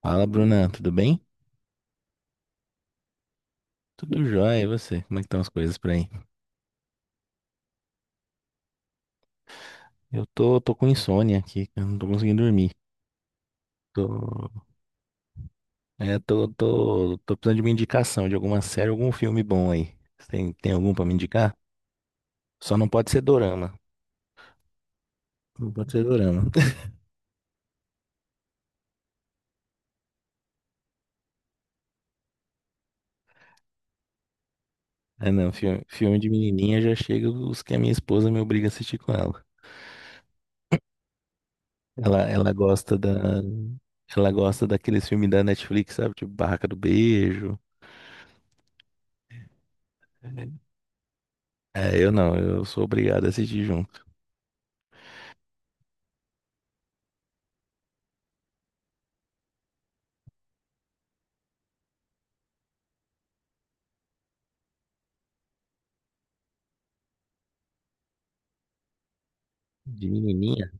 Fala, Bruna, tudo bem? Tudo jóia, e você? Como é que estão as coisas por aí? Eu tô com insônia aqui, eu não tô conseguindo dormir. Tô, é, tô, tô, Tô precisando de uma indicação de alguma série, algum filme bom aí. Você tem algum pra me indicar? Só não pode ser dorama. Não pode ser dorama. Ah, não, filme de menininha já chega os que a minha esposa me obriga a assistir com ela. Ela, ela gosta da, ela gosta daqueles filmes da Netflix, sabe? Tipo Barraca do Beijo. É, eu não, eu sou obrigado a assistir junto. De menininha?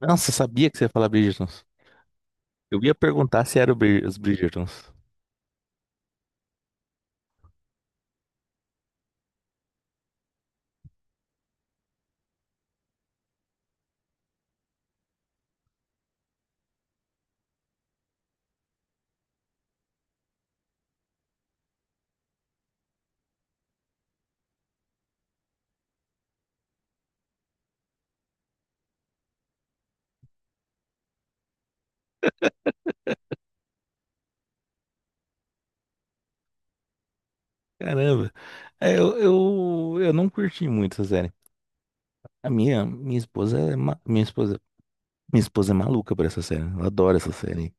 Nossa, eu sabia que você ia falar Bridgertons. Eu ia perguntar se era os Bridgertons. Caramba. Eu não curti muito essa série. A minha, minha esposa é ma- Minha esposa é maluca por essa série. Ela adora essa série.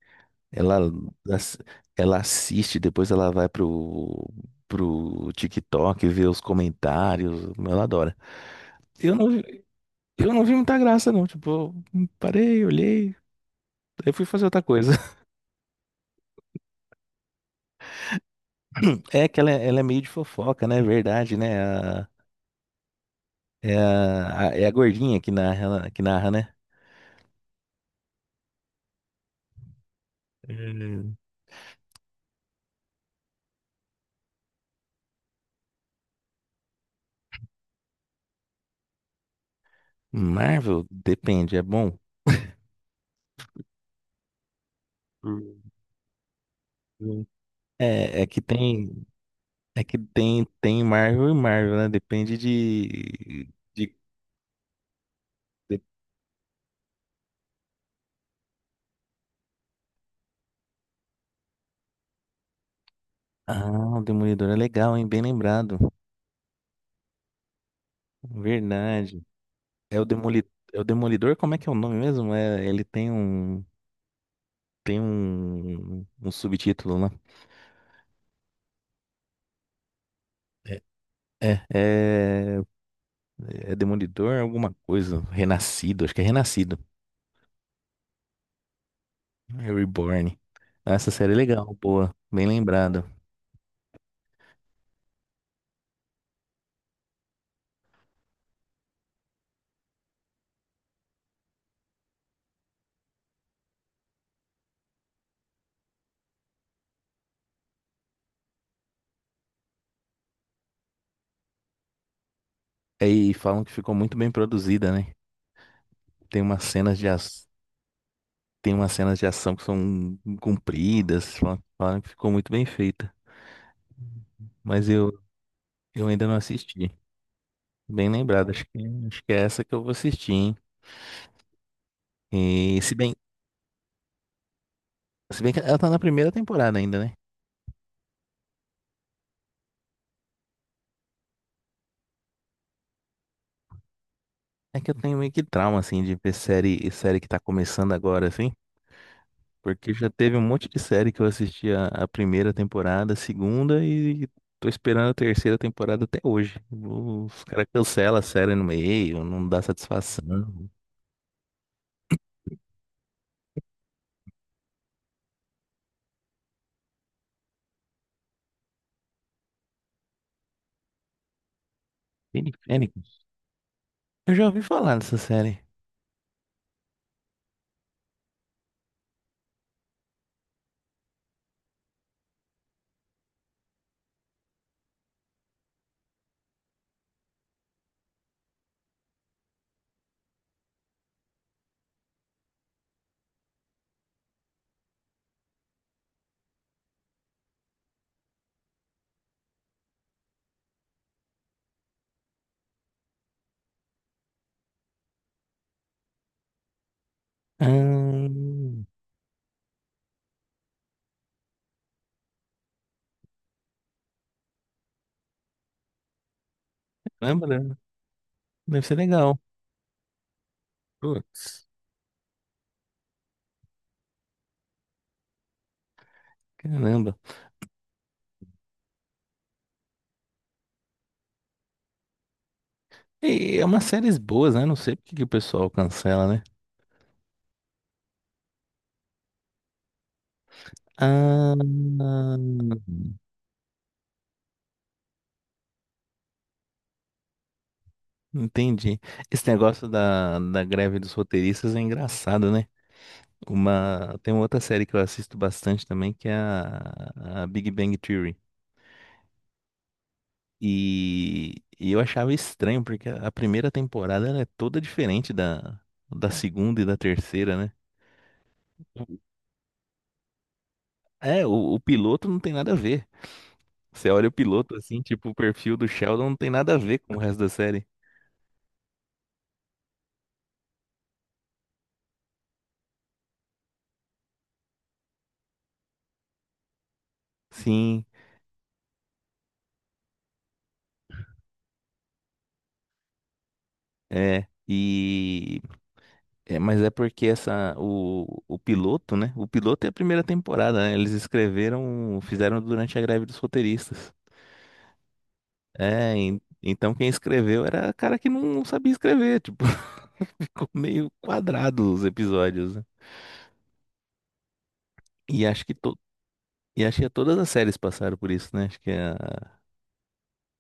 Ela, ass- Ela assiste, depois ela vai pro, pro TikTok ver os comentários. Ela adora. Eu não, vi- eu não vi muita graça, não. Tipo, eu parei, olhei, aí fui fazer outra coisa. É que ela é meio de fofoca, né? É verdade, né? A- é a gordinha que narra, né? Hum. Marvel, depende, é bom. Hum. É, é que tem, Tem Marvel e Marvel, né? Depende de, de- Ah, o Demolidor é legal, hein? Bem lembrado. Verdade. É o Demoli... É o Demolidor, como é que é o nome mesmo? É, ele um subtítulo lá. É, é, é É Demolidor, alguma coisa. Renascido, acho que é Renascido. É Reborn. Ah, essa série é legal, boa. Bem lembrado. É, e falam que ficou muito bem produzida, né? Tem umas cenas de, ac- Tem umas cenas de ação que são compridas. Falam que ficou muito bem feita. Mas eu ainda não assisti. Bem lembrado, acho que é essa que eu vou assistir, hein? E se bem, Se bem que ela tá na primeira temporada ainda, né? É que eu tenho meio que trauma, assim, de ver série, que tá começando agora, assim. Porque já teve um monte de série que eu assisti a primeira temporada, a segunda, e tô esperando a terceira temporada até hoje. Os caras cancelam a série no meio, não dá satisfação. Fini Fênix. Eu já ouvi falar dessa série. Hum, caramba, né? Deve ser legal. Putz, caramba. E é umas séries boas, né? Não sei por que que o pessoal cancela, né? Ah, entendi. Esse negócio da greve dos roteiristas é engraçado, né? Tem uma outra série que eu assisto bastante também, que é a Big Bang Theory. E eu achava estranho, porque a primeira temporada ela é toda diferente da segunda e da terceira, né? É, o piloto não tem nada a ver. Você olha o piloto assim, tipo, o perfil do Sheldon não tem nada a ver com o resto da série. Sim, é. Mas é porque essa o piloto, né? O piloto é a primeira temporada, né? Eles escreveram, fizeram durante a greve dos roteiristas. Então quem escreveu era cara que não sabia escrever, tipo, ficou meio quadrado os episódios, né? E acho que to... e acho que todas as séries passaram por isso, né?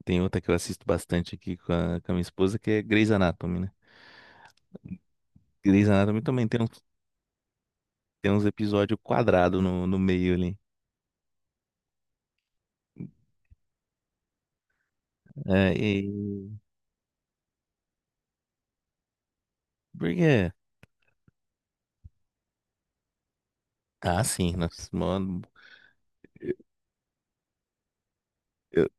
Tem outra que eu assisto bastante aqui com com a minha esposa, que é Grey's Anatomy, né? Grey's Anatomy também tem uns episódios quadrados no meio ali. É, e... Porque... Ah, sim, nossa, mano, eu,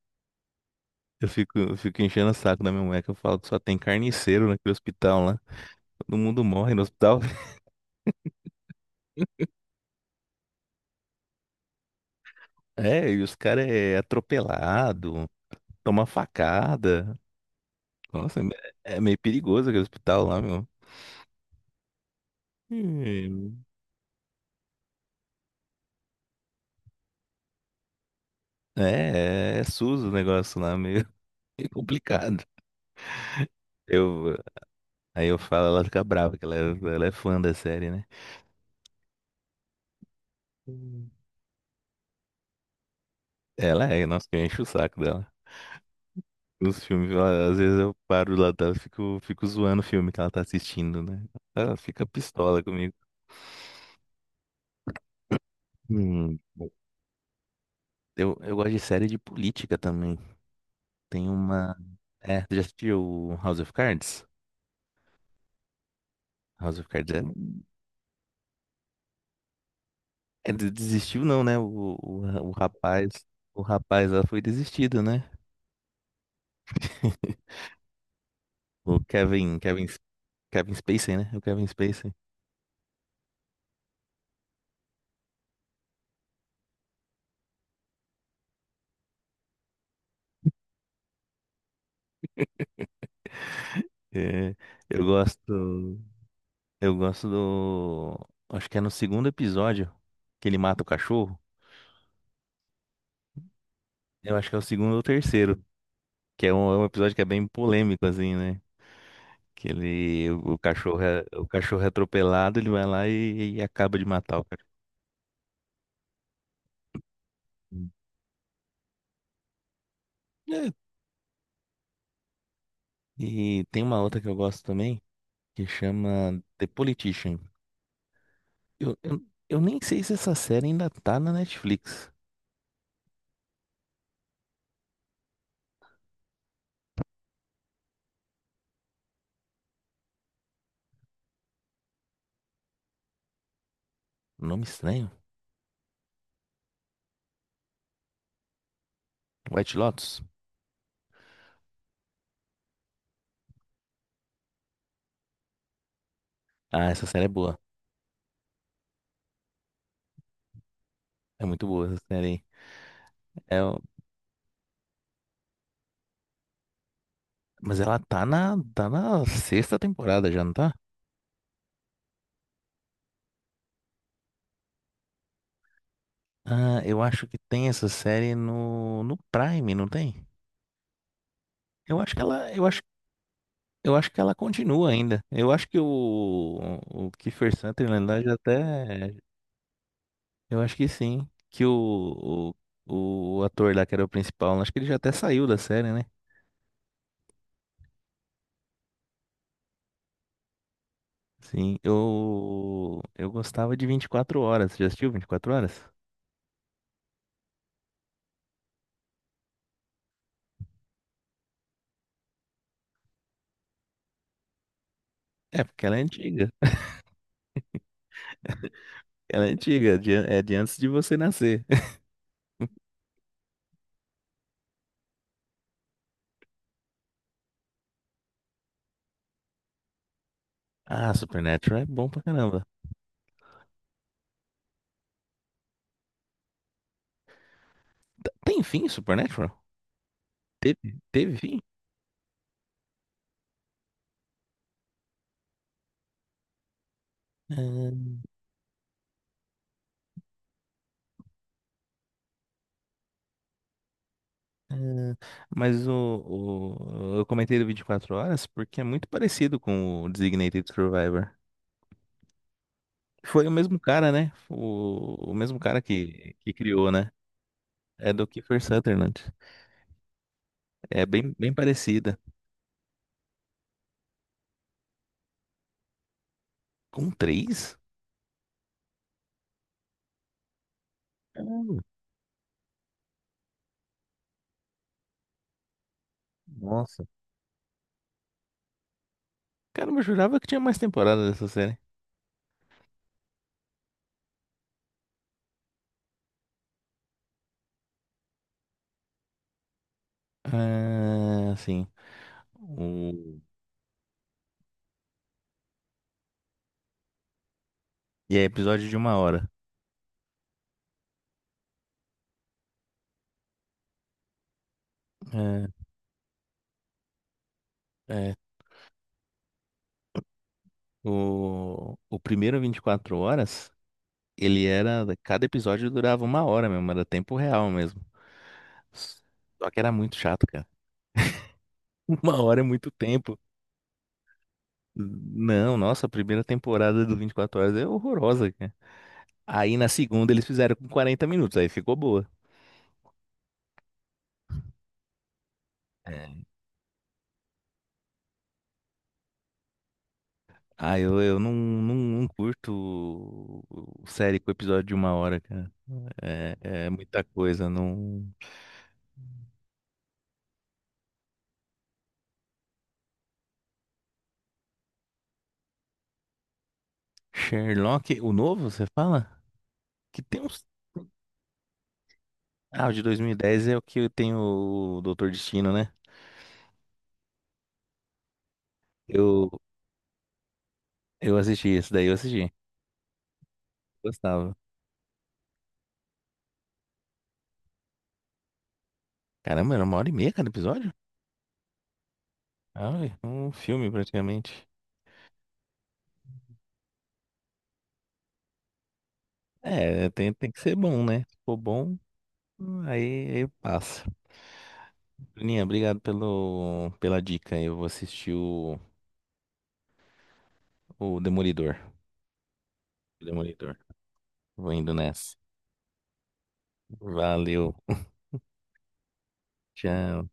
eu fico enchendo o saco da minha mulher que eu falo que só tem carniceiro naquele hospital lá. Todo mundo morre no hospital. É, e os caras é atropelado, toma facada. Nossa, é meio perigoso aquele hospital lá, meu. Hum. SUS o negócio lá, meio, meio complicado. Eu, Aí eu falo, ela fica brava, que ela é fã da série, né? Hum. Nossa, que eu encho o saco dela. Nos filmes, às vezes eu paro lá dela, fico zoando o filme que ela tá assistindo, né? Ela fica pistola comigo. Hum. Eu gosto de série de política também. Tem uma. É, você já assistiu o House of Cards? House of Cards é. Desistiu, não, né? O rapaz. O rapaz lá foi desistido, né? O Kevin. Kevin, Kevin Spacey, né? O Kevin Spacey. É, eu gosto. Eu gosto do. Acho que é no segundo episódio que ele mata o cachorro. Eu acho que é o segundo ou terceiro. Que é um episódio que é bem polêmico, assim, né? Que ele. O cachorro é, o cachorro é atropelado, ele vai lá e acaba de matar o cachorro. É. E tem uma outra que eu gosto também, que chama The Politician. Eu, eu, eu nem sei se essa série ainda tá na Netflix. Nome estranho. White Lotus. Ah, essa série é boa. É muito boa essa série aí. É, o- mas ela tá na, tá na sexta temporada já, não tá? Ah, eu acho que tem essa série no, no Prime, não tem? Eu acho que ela, eu acho, eu acho que ela continua ainda. Eu acho que o Kiefer Sutherland lá já até. Eu acho que sim. Que o ator lá que era o principal, acho que ele já até saiu da série, né? Sim, eu gostava de 24 horas. Já assistiu 24 horas? É, porque ela é antiga. Ela é antiga, é de antes de você nascer. Ah, Supernatural é bom pra caramba. Tem fim, Supernatural? Teve fim? Ah, ah, mas eu comentei do 24 horas porque é muito parecido com o Designated Survivor. Foi o mesmo cara, né? O mesmo cara que criou, né? É do Kiefer Sutherland. É bem parecida. Com três? Caramba, nossa. Caramba, eu jurava que tinha mais temporada dessa série. Ah, sim. O... E é episódio de uma hora. É, é. O primeiro 24 horas, ele era. cada episódio durava uma hora mesmo, era tempo real mesmo. Só que era muito chato, cara. Uma hora é muito tempo. Não, nossa, a primeira temporada do 24 Horas é horrorosa, cara. Aí na segunda eles fizeram com 40 minutos, aí ficou boa. É. Ah, eu não curto série com episódio de uma hora, cara. É, é muita coisa. Não... Sherlock, o novo, você fala? Que tem uns. Ah, o de 2010 é o que tem o Doutor Destino, né? Eu, eu assisti, esse daí eu assisti. Gostava. Caramba, era uma hora e meia cada episódio? Ah, um filme praticamente. É, tem que ser bom, né? Se for bom, aí passa. Bruninha, obrigado pela dica. Eu vou assistir o Demolidor. O Demolidor. Vou indo nessa. Valeu. Tchau.